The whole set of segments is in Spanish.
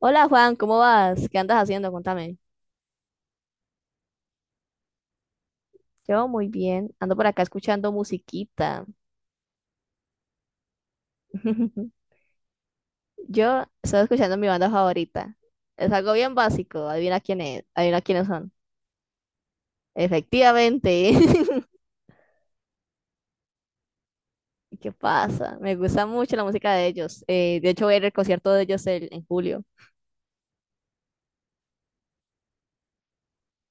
Hola Juan, ¿cómo vas? ¿Qué andas haciendo? Contame. Yo muy bien, ando por acá escuchando musiquita. Yo estoy escuchando mi banda favorita. Es algo bien básico, adivina quién es, adivina quiénes son. Efectivamente. ¿Qué pasa? Me gusta mucho la música de ellos. De hecho, voy a ir al concierto de ellos en julio.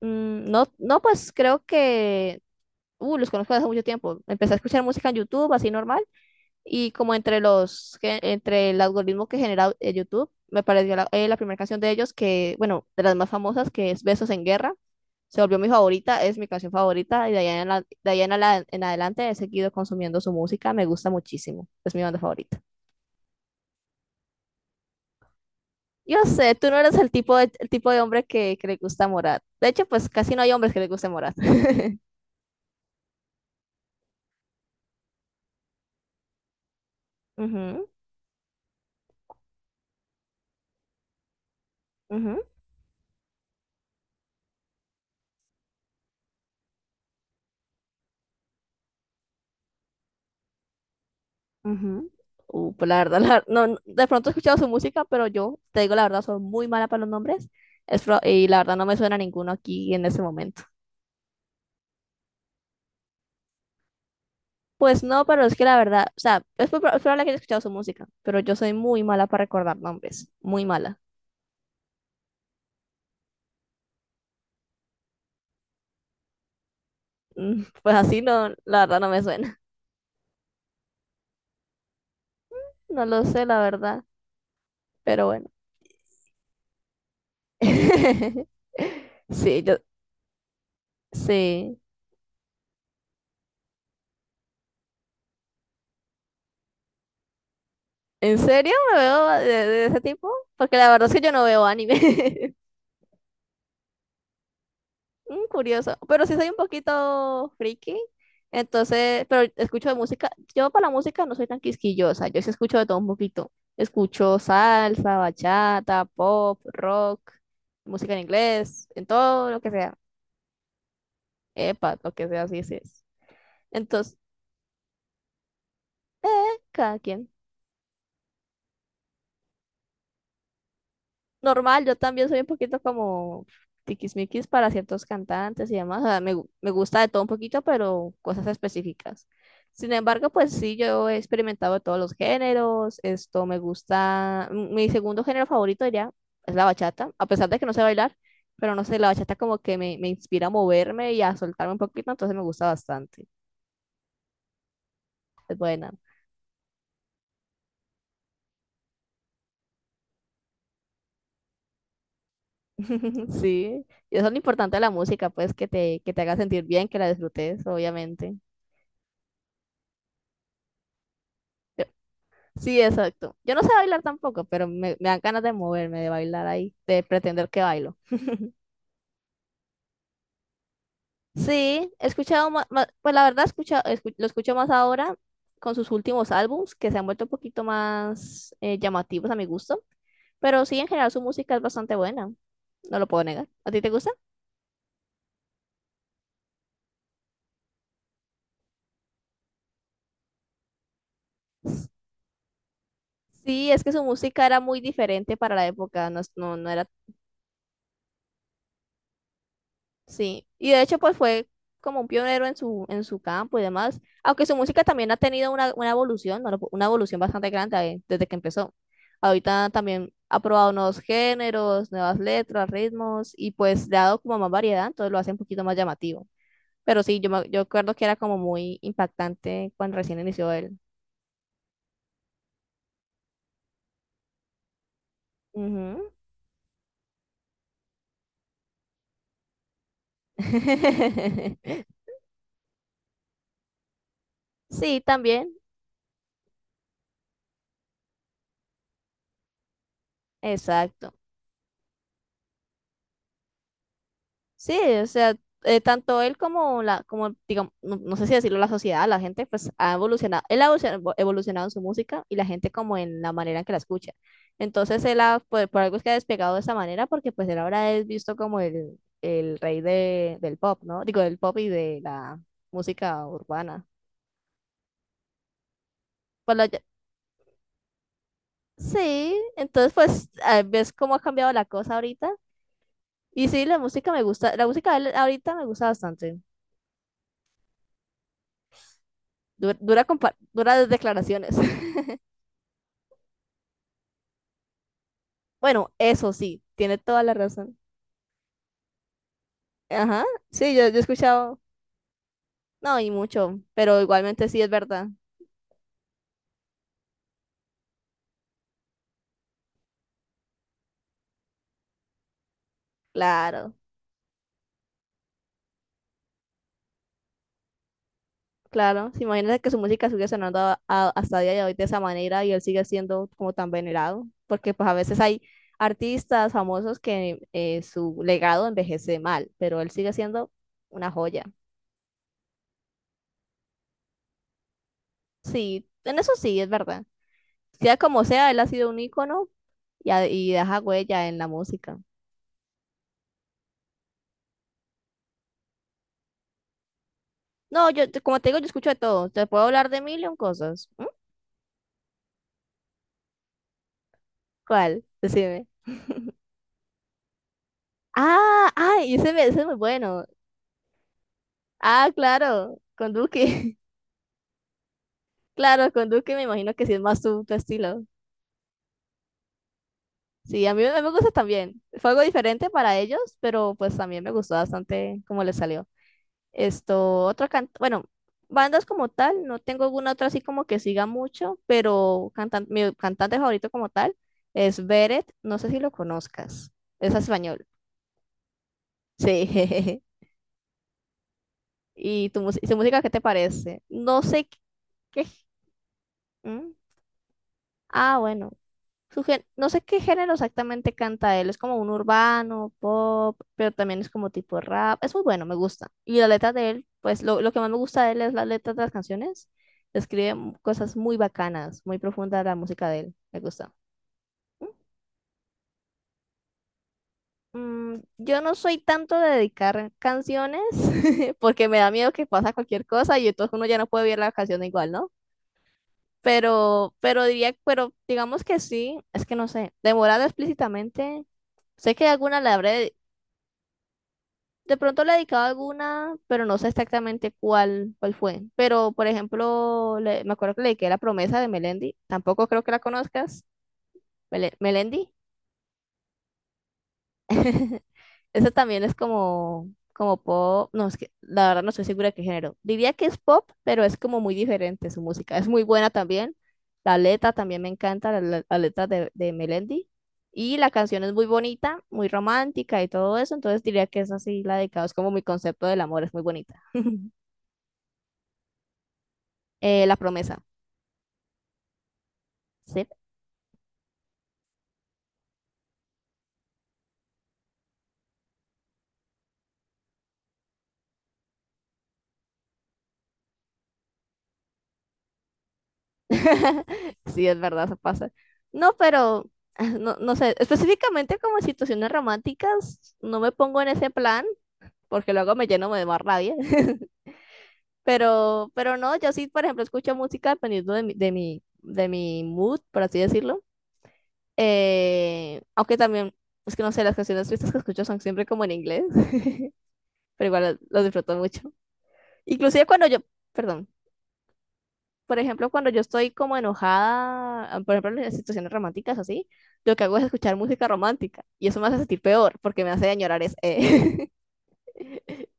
Mm, no, no, pues creo que... Los conozco desde hace mucho tiempo. Empecé a escuchar música en YouTube, así normal. Y como entre entre el algoritmo que genera YouTube, me pareció la primera canción de ellos que, bueno, de las más famosas, que es Besos en Guerra. Se volvió mi favorita, es mi canción favorita y de ahí en adelante he seguido consumiendo su música, me gusta muchísimo, es mi banda favorita. Yo sé, tú no eres el tipo de hombre que le gusta Morat. De hecho, pues casi no hay hombres que le guste Morat. Ujú, ujú. Ujú. Pues la verdad, no, no, de pronto he escuchado su música, pero yo, te digo la verdad, soy muy mala para los nombres y la verdad no me suena ninguno aquí en ese momento. Pues no, pero es que la verdad, o sea, es probable que haya escuchado su música, pero yo soy muy mala para recordar nombres, muy mala. Mm. Pues así no, la verdad no me suena. No lo sé, la verdad, pero bueno. Sí, yo, sí. ¿En serio me veo de ese tipo? Porque la verdad es que yo no veo anime. Mm, curioso, pero sí soy un poquito friki, entonces, pero escucho de música, yo para la música no soy tan quisquillosa, yo sí escucho de todo un poquito, escucho salsa, bachata, pop, rock, música en inglés, en todo lo que sea, epa, lo que sea, así es. Entonces, eh, cada quien. Normal, yo también soy un poquito como tiquismiquis para ciertos cantantes y demás. O sea, me gusta de todo un poquito, pero cosas específicas. Sin embargo, pues sí, yo he experimentado de todos los géneros. Esto me gusta. Mi segundo género favorito diría es la bachata, a pesar de que no sé bailar, pero no sé, la bachata como que me inspira a moverme y a soltarme un poquito, entonces me gusta bastante. Es buena. Sí. Y eso es lo importante de la música, pues que que te haga sentir bien, que la disfrutes, obviamente. Sí, exacto. Yo no sé bailar tampoco, pero me dan ganas de moverme, de bailar ahí, de pretender que bailo. Sí, he escuchado más, pues la verdad lo escucho más ahora con sus últimos álbums, que se han vuelto un poquito más llamativos a mi gusto, pero sí, en general su música es bastante buena, no lo puedo negar. ¿A ti te gusta? Sí, es que su música era muy diferente para la época, no, no, no era. Sí, y de hecho pues fue como un pionero en su campo y demás, aunque su música también ha tenido una evolución, ¿no? Una evolución bastante grande desde que empezó. Ahorita también ha probado nuevos géneros, nuevas letras, ritmos y pues le ha dado como más variedad, entonces lo hace un poquito más llamativo. Pero sí, yo recuerdo que era como muy impactante cuando recién inició él. Ujú. Sí, también, exacto. Sí, o sea, tanto él como digamos, no, no sé si decirlo, la sociedad, la gente, pues ha evolucionado, él ha evolucionado en su música y la gente como en la manera en que la escucha. Entonces él ha, pues, por algo es que ha despegado de esa manera, porque pues él ahora es visto como el rey del pop, ¿no? Digo, del pop y de la música urbana. Pues la- sí, entonces pues ah, ves cómo ha cambiado la cosa ahorita. Y sí, la música me gusta, la música de él ahorita me gusta bastante. Dura, dura, duras declaraciones. Bueno, eso sí, tiene toda la razón. Ajá, sí, yo he escuchado, no, y mucho, pero igualmente sí es verdad. Claro, claro. Sí, imagínate que su música sigue sonando hasta día de hoy de esa manera y él sigue siendo como tan venerado, porque pues a veces hay artistas famosos que su legado envejece mal, pero él sigue siendo una joya. Sí, en eso sí es verdad. Sea como sea, él ha sido un ícono y, y deja huella en la música. No, como te digo, yo escucho de todo. Te puedo hablar de mil y un cosas. ¿Mm? ¿Cuál? Decime. Ah, ay, ese es muy bueno. Ah, claro, con Duque. Claro, con Duque me imagino que sí es más tu estilo. Sí, a mí me gusta también. Fue algo diferente para ellos, pero pues también me gustó bastante cómo les salió. Esto, bueno, bandas como tal, no tengo alguna otra así como que siga mucho, pero mi cantante favorito como tal es Beret, no sé si lo conozcas, es español. Sí. ¿Y y su música qué te parece? No sé qué... ¿Mm? Ah, bueno. No sé qué género exactamente canta él. Es como un urbano, pop, pero también es como tipo rap. Es muy bueno, me gusta. Y la letra de él, pues lo que más me gusta de él es las letras de las canciones. Escribe cosas muy bacanas, muy profunda la música de él. Me gusta. Mm, yo no soy tanto de dedicar canciones porque me da miedo que pasa cualquier cosa y entonces uno ya no puede ver la canción igual, ¿no? Pero diría, pero digamos que sí, es que no sé, demorada explícitamente, sé que alguna le habré, de pronto le he dedicado alguna, pero no sé exactamente cuál, cuál fue. Pero, por ejemplo, me acuerdo que le dediqué la promesa de Melendi, tampoco creo que la conozcas, Melendi. Eso también es como, como pop. No, es que la verdad no estoy segura de qué género. Diría que es pop, pero es como muy diferente su música. Es muy buena también. La letra también me encanta, la letra de Melendi. Y la canción es muy bonita, muy romántica y todo eso. Entonces diría que es así la dedicado. Es como mi concepto del amor, es muy bonita. La promesa. Sí. Sí, es verdad, eso pasa. No, pero no, no sé, específicamente como en situaciones románticas, no me pongo en ese plan, porque luego me lleno de más rabia. Pero no, yo sí, por ejemplo, escucho música dependiendo de mi mood, por así decirlo. Aunque también, es que no sé, las canciones tristes que escucho son siempre como en inglés, pero igual los disfruto mucho. Inclusive cuando yo, perdón, por ejemplo, cuando yo estoy como enojada, por ejemplo, en las situaciones románticas así, lo que hago es escuchar música romántica y eso me hace sentir peor porque me hace añorar es....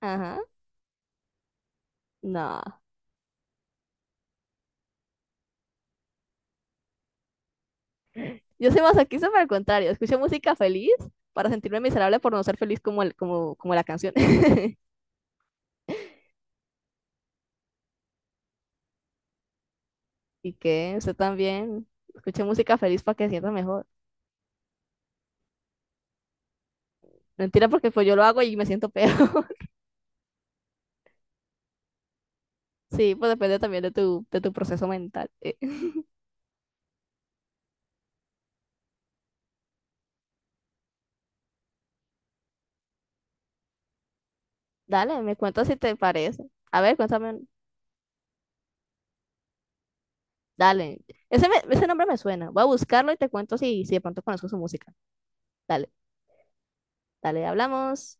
Ajá, no. Yo soy masoquista, pero al contrario, escucho música feliz para sentirme miserable por no ser feliz como, como la canción. Y que usted también escuche música feliz para que se sienta mejor. Mentira, porque pues yo lo hago y me siento peor. Sí, pues depende también de tu proceso mental. Dale, me cuentas si te parece. A ver, cuéntame. Dale. Ese nombre me suena. Voy a buscarlo y te cuento si de pronto conozco su música. Dale, dale, hablamos.